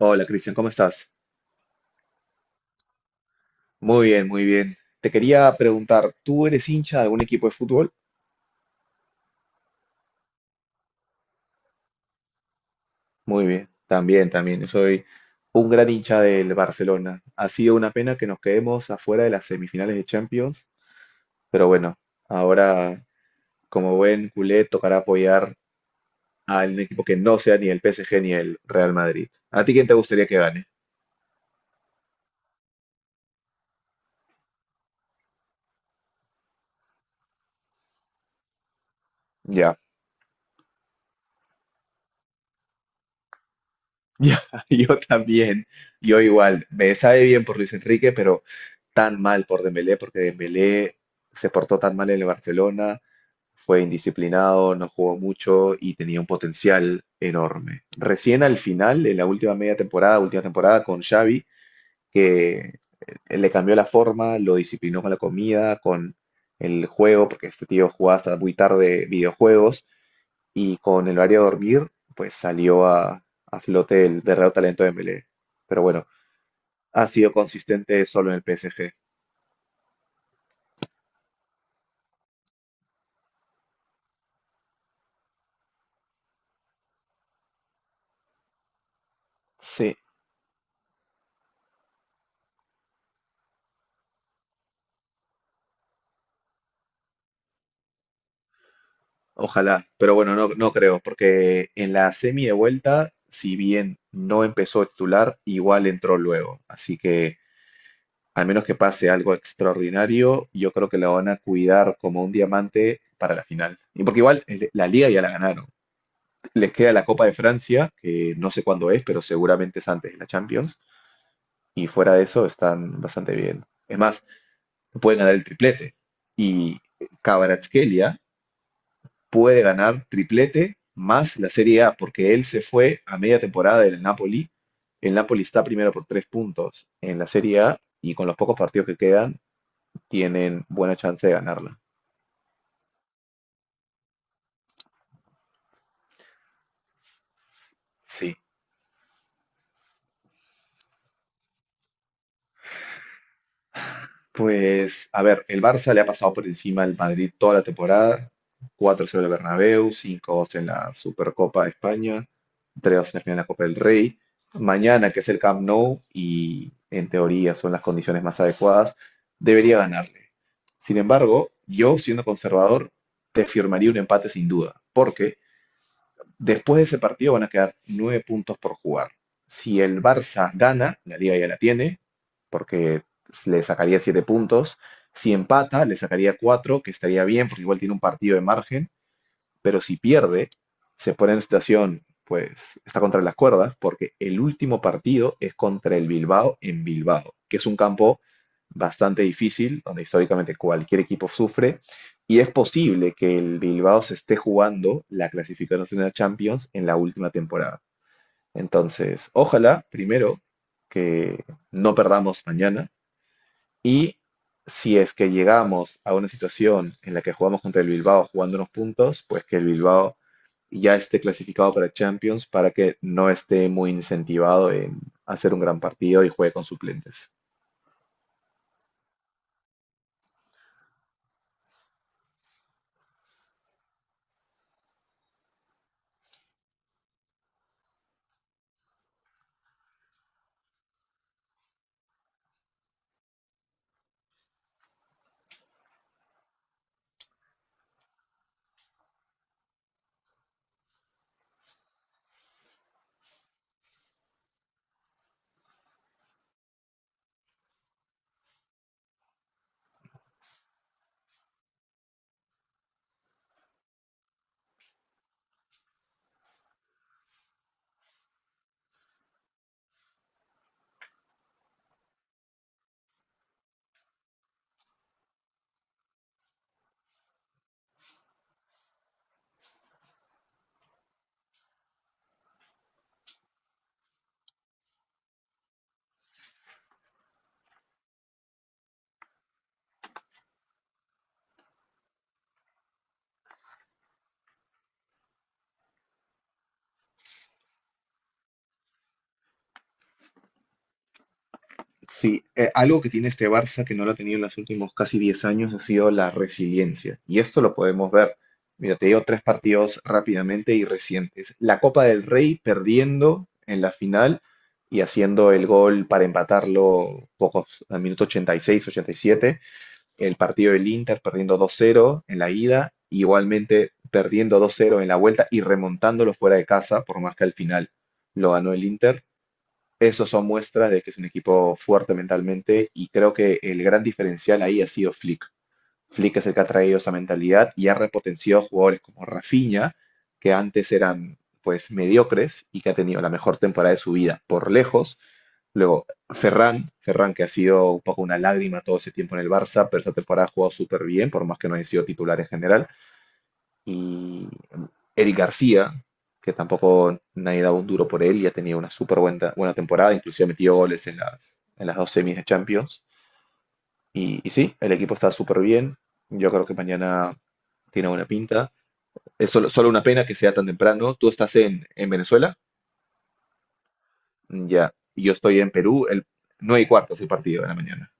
Hola Cristian, ¿cómo estás? Muy bien, muy bien. Te quería preguntar, ¿tú eres hincha de algún equipo de fútbol? Muy bien, también. Yo soy un gran hincha del Barcelona. Ha sido una pena que nos quedemos afuera de las semifinales de Champions, pero bueno, ahora como buen culé tocará apoyar a un equipo que no sea ni el PSG ni el Real Madrid. ¿A ti quién te gustaría que gane? Ya. Yo, yo también, yo igual. Me sabe bien por Luis Enrique, pero tan mal por Dembélé, porque Dembélé se portó tan mal en el Barcelona, fue indisciplinado, no jugó mucho y tenía un potencial enorme. Recién al final, en la última media temporada, última temporada con Xavi, que le cambió la forma, lo disciplinó con la comida, con el juego, porque este tío jugaba hasta muy tarde videojuegos y con el área de dormir, pues salió a flote el verdadero talento de Dembélé. Pero bueno, ha sido consistente solo en el PSG. Sí, ojalá. Pero bueno, no, no creo, porque en la semi de vuelta, si bien no empezó titular, igual entró luego. Así que, al menos que pase algo extraordinario, yo creo que la van a cuidar como un diamante para la final. Y porque igual la liga ya la ganaron. Les queda la Copa de Francia, que no sé cuándo es, pero seguramente es antes de la Champions. Y fuera de eso están bastante bien. Es más, pueden ganar el triplete. Y Kvaratskhelia puede ganar triplete más la Serie A, porque él se fue a media temporada del Napoli. El Napoli está primero por 3 puntos en la Serie A y con los pocos partidos que quedan tienen buena chance de ganarla. Sí, pues, a ver, el Barça le ha pasado por encima al Madrid toda la temporada. Cuatro 0 en el Bernabéu, cinco 2 en la Supercopa de España, tres 2 en la final de la Copa del Rey. Mañana, que es el Camp Nou, y en teoría son las condiciones más adecuadas, debería ganarle. Sin embargo, yo, siendo conservador, te firmaría un empate sin duda, porque después de ese partido van a quedar 9 puntos por jugar. Si el Barça gana, la liga ya la tiene, porque le sacaría 7 puntos. Si empata, le sacaría cuatro, que estaría bien, porque igual tiene un partido de margen. Pero si pierde, se pone en situación, pues está contra las cuerdas, porque el último partido es contra el Bilbao en Bilbao, que es un campo bastante difícil, donde históricamente cualquier equipo sufre, y es posible que el Bilbao se esté jugando la clasificación de la Champions en la última temporada. Entonces, ojalá, primero, que no perdamos mañana, y si es que llegamos a una situación en la que jugamos contra el Bilbao jugando unos puntos, pues que el Bilbao ya esté clasificado para Champions para que no esté muy incentivado en hacer un gran partido y juegue con suplentes. Sí, algo que tiene este Barça que no lo ha tenido en los últimos casi 10 años ha sido la resiliencia. Y esto lo podemos ver. Mira, te digo tres partidos rápidamente y recientes. La Copa del Rey perdiendo en la final y haciendo el gol para empatarlo pocos, al minuto 86, 87. El partido del Inter perdiendo 2-0 en la ida, igualmente perdiendo 2-0 en la vuelta y remontándolo fuera de casa, por más que al final lo ganó el Inter. Eso son muestras de que es un equipo fuerte mentalmente y creo que el gran diferencial ahí ha sido Flick. Flick es el que ha traído esa mentalidad y ha repotenciado jugadores como Rafinha, que antes eran pues mediocres y que ha tenido la mejor temporada de su vida por lejos. Luego Ferran, Ferran que ha sido un poco una lágrima todo ese tiempo en el Barça, pero esta temporada ha jugado súper bien, por más que no haya sido titular en general, y Eric García, que tampoco nadie daba un duro por él, ya tenía una súper buena, buena temporada, inclusive metió goles en en las dos semis de Champions. Y sí, el equipo está súper bien. Yo creo que mañana tiene buena pinta. Es solo una pena que sea tan temprano. Tú estás en Venezuela, ya. Y yo estoy en Perú, el 9 y cuarto es el partido de la mañana.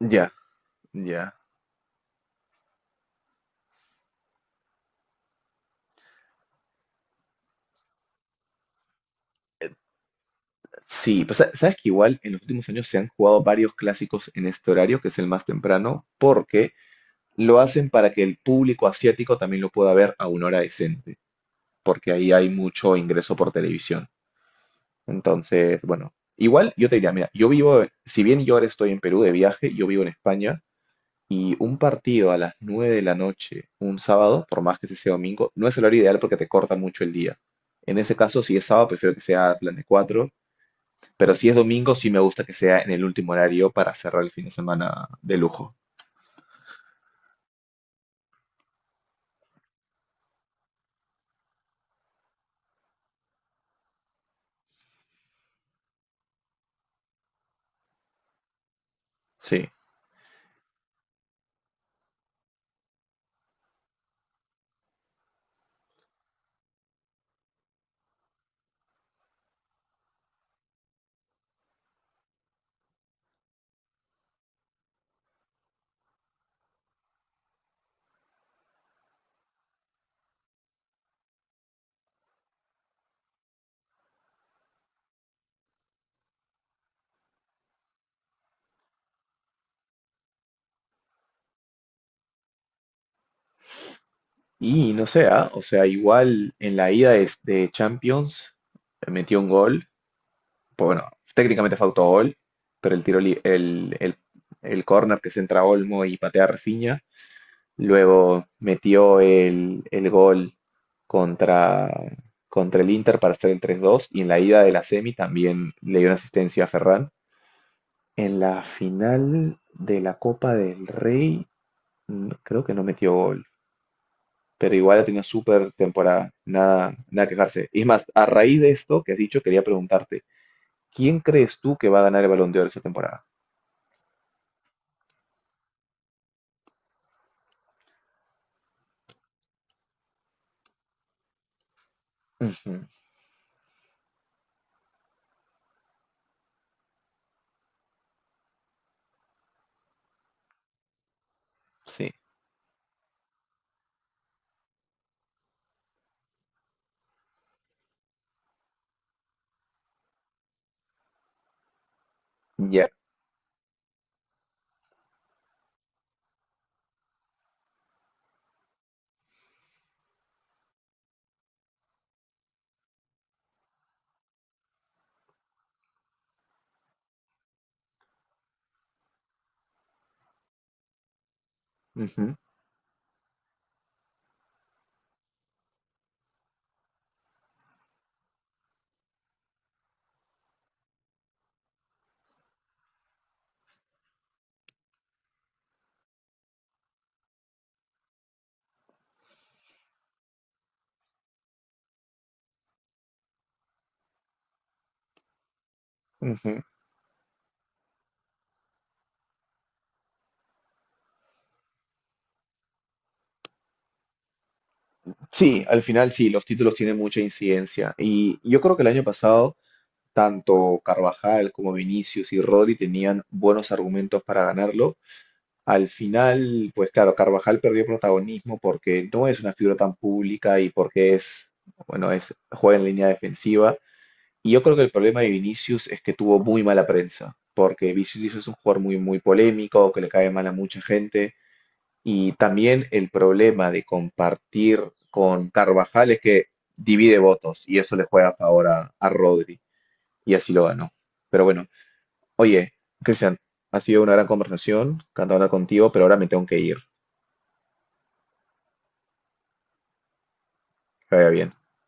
Ya, ya. Sí, pues sabes que igual en los últimos años se han jugado varios clásicos en este horario, que es el más temprano, porque lo hacen para que el público asiático también lo pueda ver a una hora decente, porque ahí hay mucho ingreso por televisión. Entonces, bueno, igual yo te diría, mira, yo vivo, si bien yo ahora estoy en Perú de viaje, yo vivo en España, y un partido a las 9 de la noche, un sábado, por más que ese sea domingo, no es el horario ideal porque te corta mucho el día. En ese caso, si es sábado, prefiero que sea plan de cuatro, pero si es domingo, sí me gusta que sea en el último horario para cerrar el fin de semana de lujo. Sí. Y no sé, ah, o sea, igual en la ida de Champions metió un gol. Pues bueno, técnicamente fue autogol, pero el tiro, el córner que centra Olmo y patea Rafinha. Luego metió el gol contra, contra el Inter para hacer el 3-2. Y en la ida de la semi también le dio una asistencia a Ferran. En la final de la Copa del Rey, creo que no metió gol. Pero igual ha tenido súper temporada, nada, nada quejarse. Y es más, a raíz de esto que has dicho, quería preguntarte, ¿quién crees tú que va a ganar el Balón de Oro esta temporada? Ujú. Sí, ya. Ujú, ujú. Sí, al final sí, los títulos tienen mucha incidencia. Y yo creo que el año pasado, tanto Carvajal como Vinicius y Rodri tenían buenos argumentos para ganarlo. Al final, pues claro, Carvajal perdió protagonismo porque no es una figura tan pública y porque es, bueno, es, juega en línea defensiva. Y yo creo que el problema de Vinicius es que tuvo muy mala prensa, porque Vinicius es un jugador muy, muy polémico, que le cae mal a mucha gente. Y también el problema de compartir con Carvajal es que divide votos y eso le juega a favor a Rodri y así lo ganó. Pero bueno, oye, Cristian, ha sido una gran conversación, encantado de hablar contigo, pero ahora me tengo que ir. Que vaya bien.